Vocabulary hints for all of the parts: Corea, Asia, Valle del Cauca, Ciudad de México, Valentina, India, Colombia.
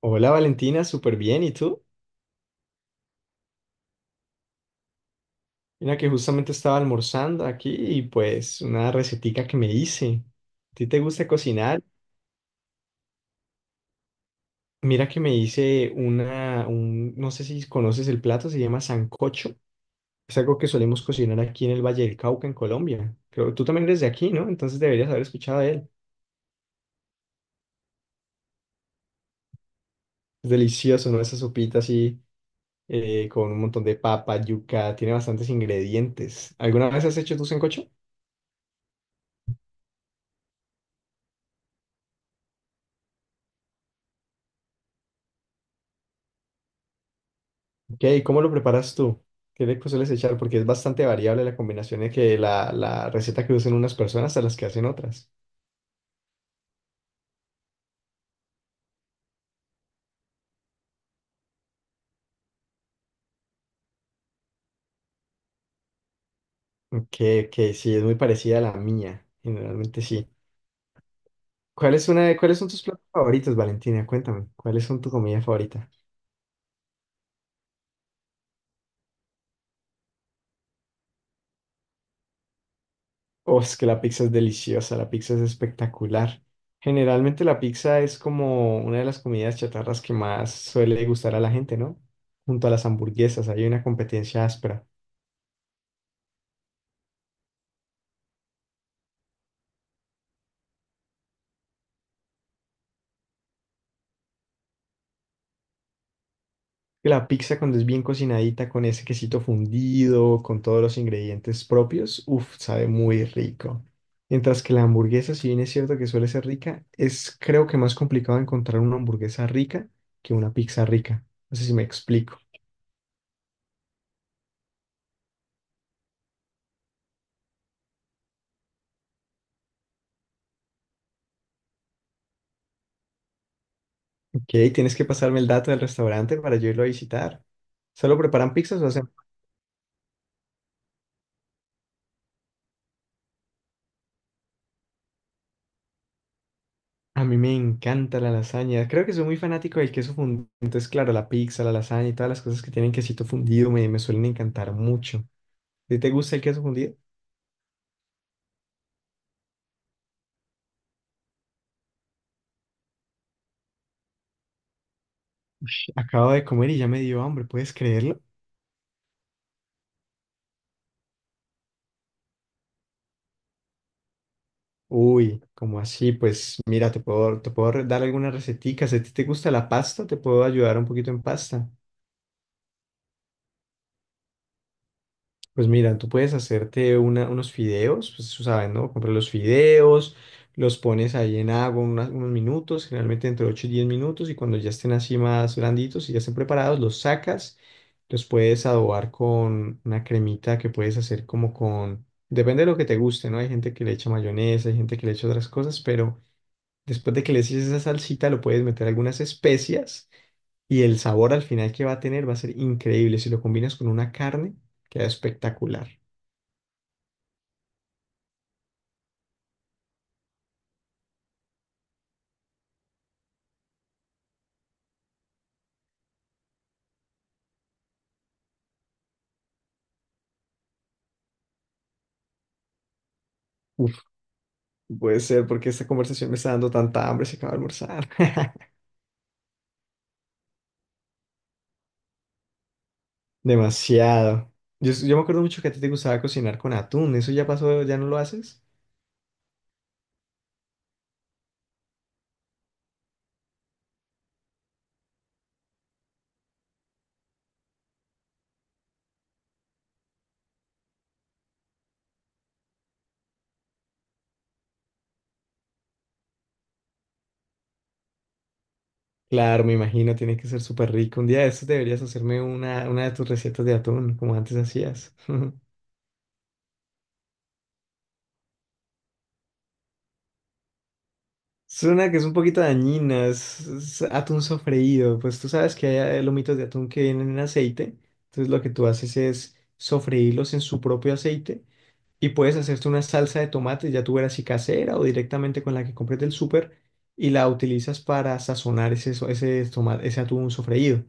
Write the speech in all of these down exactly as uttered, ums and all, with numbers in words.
Hola Valentina, súper bien. ¿Y tú? Mira que justamente estaba almorzando aquí y pues una recetica que me hice. ¿A ti te gusta cocinar? Mira que me hice una, un, no sé si conoces el plato, se llama sancocho. Es algo que solemos cocinar aquí en el Valle del Cauca, en Colombia. Creo, tú también eres de aquí, ¿no? Entonces deberías haber escuchado de él. Es delicioso, ¿no? Esa sopita así eh, con un montón de papa, yuca, tiene bastantes ingredientes. ¿Alguna vez has hecho tu sancocho? Ok, ¿cómo lo preparas tú? ¿Qué le sueles echar? Porque es bastante variable la combinación de que la, la receta que usan unas personas a las que hacen otras. Ok, ok, sí, es muy parecida a la mía. Generalmente sí. ¿Cuál es una de- cuáles son tus platos favoritos, Valentina? Cuéntame, ¿cuáles son tu comida favorita? Oh, es que la pizza es deliciosa, la pizza es espectacular. Generalmente la pizza es como una de las comidas chatarras que más suele gustar a la gente, ¿no? Junto a las hamburguesas, hay una competencia áspera. La pizza cuando es bien cocinadita, con ese quesito fundido, con todos los ingredientes propios, uff, sabe muy rico. Mientras que la hamburguesa, si bien es cierto que suele ser rica, es creo que más complicado encontrar una hamburguesa rica que una pizza rica. No sé si me explico. Ok, tienes que pasarme el dato del restaurante para yo irlo a visitar. ¿Solo preparan pizzas o hacen? A mí me encanta la lasaña. Creo que soy muy fanático del queso fundido. Entonces, claro, la pizza, la lasaña y todas las cosas que tienen quesito fundido me, me suelen encantar mucho. ¿Sí te gusta el queso fundido? Acabo de comer y ya me dio hambre, ¿puedes creerlo? Uy, como así? Pues mira, te puedo, te puedo re- dar algunas receticas. Si a ti te gusta la pasta, te puedo ayudar un poquito en pasta. Pues mira, tú puedes hacerte una- unos fideos, pues tú sabes, ¿no? Compras los fideos, los pones ahí en agua unas- unos minutos, generalmente entre ocho y diez minutos, y cuando ya estén así más blanditos y ya estén preparados, los sacas, los puedes adobar con una cremita que puedes hacer como con, depende de lo que te guste, ¿no? Hay gente que le echa mayonesa, hay gente que le echa otras cosas, pero después de que le eches esa salsita, lo puedes meter algunas especias y el sabor al final que va a tener va a ser increíble. Si lo combinas con una carne, queda espectacular. Uf, puede ser porque esta conversación me está dando tanta hambre, se acaba de almorzar. Demasiado. Yo, yo me acuerdo mucho que a ti te gustaba cocinar con atún. ¿Eso ya pasó? ¿Ya no lo haces? Claro, me imagino, tiene que ser súper rico. Un día de estos deberías hacerme una, una de tus recetas de atún, como antes hacías. Es una que es un poquito dañina, es, es atún sofreído. Pues tú sabes que hay eh, lomitos de atún que vienen en aceite. Entonces lo que tú haces es sofreírlos en su propio aceite y puedes hacerte una salsa de tomate, ya tú verás si casera o directamente con la que compres del súper y la utilizas para sazonar ese, so- ese, tomate, ese atún sofreído.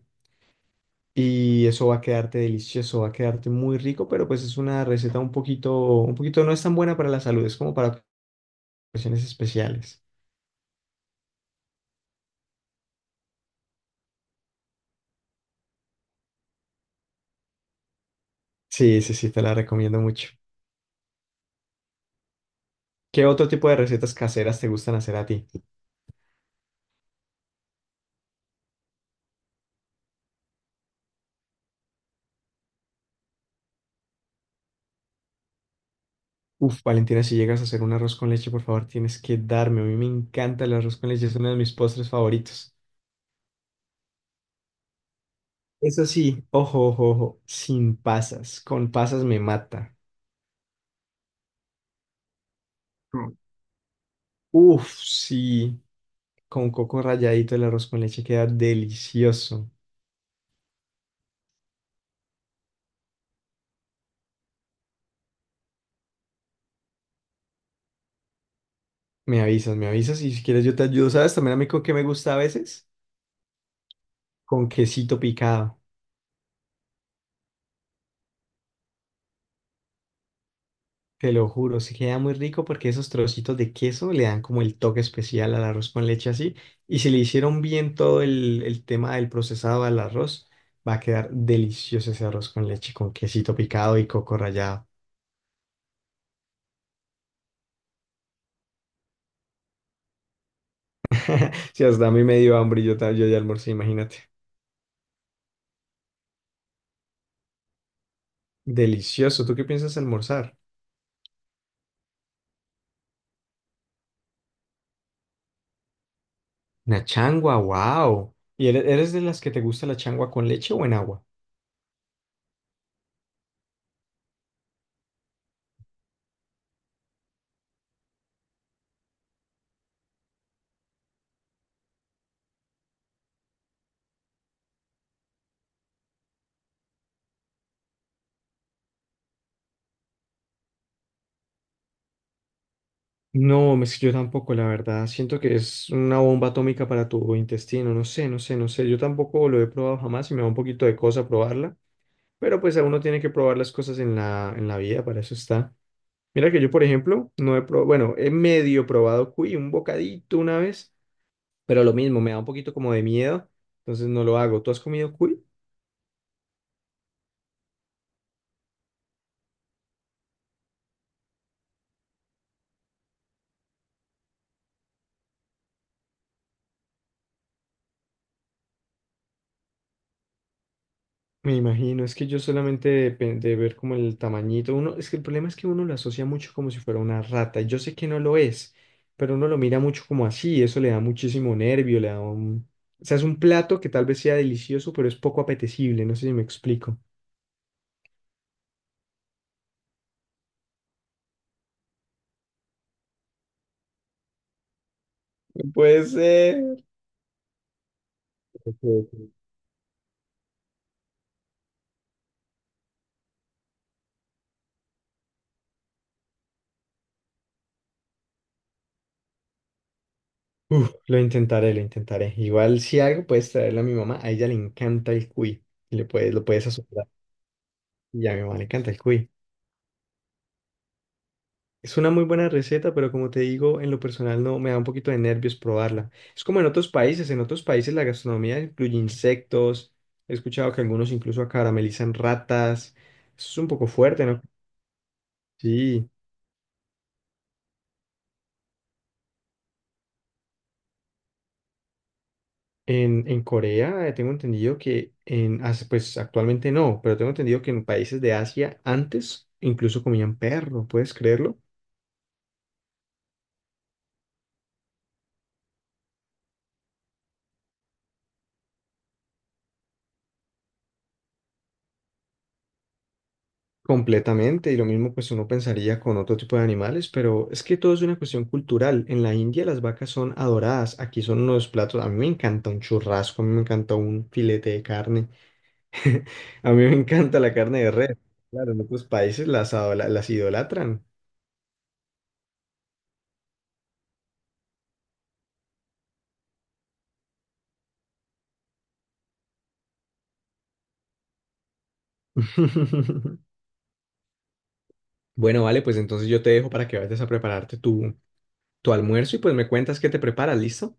Y eso va a quedarte delicioso, va a quedarte muy rico, pero pues es una receta un poquito, un poquito no es tan buena para la salud, es como para ocasiones especiales. Sí, sí, sí, te la recomiendo mucho. ¿Qué otro tipo de recetas caseras te gustan hacer a ti? Uf, Valentina, si llegas a hacer un arroz con leche, por favor, tienes que darme. A mí me encanta el arroz con leche, es uno de mis postres favoritos. Eso sí, ojo, ojo, ojo, sin pasas. Con pasas me mata. Mm. Uf, sí, con coco ralladito el arroz con leche queda delicioso. Me avisas, me avisas y si quieres yo te ayudo. ¿Sabes también a mí con qué me gusta a veces? Con quesito picado. Te lo juro, sí queda muy rico porque esos trocitos de queso le dan como el toque especial al arroz con leche así. Y si le hicieron bien todo el, el tema del procesado al arroz, va a quedar delicioso ese arroz con leche con quesito picado y coco rallado. Si hasta a mí me dio hambre, y yo, ta- yo ya almorcé, imagínate. Delicioso. ¿Tú qué piensas almorzar? Una changua, wow. ¿Y eres, eres de las que te gusta la changua con leche o en agua? No, es que yo tampoco, la verdad. Siento que es una bomba atómica para tu intestino. No sé, no sé, no sé. Yo tampoco lo he probado jamás y me da un poquito de cosa probarla. Pero pues a uno tiene que probar las cosas en la, en la vida, para eso está. Mira que yo, por ejemplo, no he probado, bueno, he medio probado cuy, un bocadito una vez, pero lo mismo, me da un poquito como de miedo, entonces no lo hago. ¿Tú has comido cuy? Me imagino, es que yo solamente de, pe- de ver como el tamañito, uno, es que el problema es que uno lo asocia mucho como si fuera una rata, y yo sé que no lo es, pero uno lo mira mucho como así, y eso le da muchísimo nervio, le da un... O sea, es un plato que tal vez sea delicioso, pero es poco apetecible, no sé si me explico. Puede ser. Ok, ok. Uf, lo intentaré, lo intentaré. Igual si algo puedes traerle a mi mamá, a ella le encanta el cuy, y le puedes, lo puedes asociar, y a mi mamá le encanta el cuy. Es una muy buena receta, pero como te digo, en lo personal no me da un poquito de nervios probarla. Es como en otros países, en otros países la gastronomía incluye insectos. He escuchado que algunos incluso caramelizan ratas. Eso es un poco fuerte, ¿no? Sí. En, en Corea, eh, tengo entendido que en, As- pues actualmente no, pero tengo entendido que en países de Asia antes incluso comían perro, ¿puedes creerlo? Completamente, y lo mismo pues uno pensaría con otro tipo de animales, pero es que todo es una cuestión cultural. En la India las vacas son adoradas, aquí son unos platos, a mí me encanta un churrasco, a mí me encanta un filete de carne, a mí me encanta la carne de res. Claro, en otros países las, adola- las idolatran. Bueno, vale, pues entonces yo te dejo para que vayas a prepararte tu, tu almuerzo y pues me cuentas qué te preparas, ¿listo?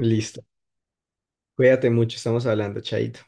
Listo. Cuídate mucho, estamos hablando, chaito.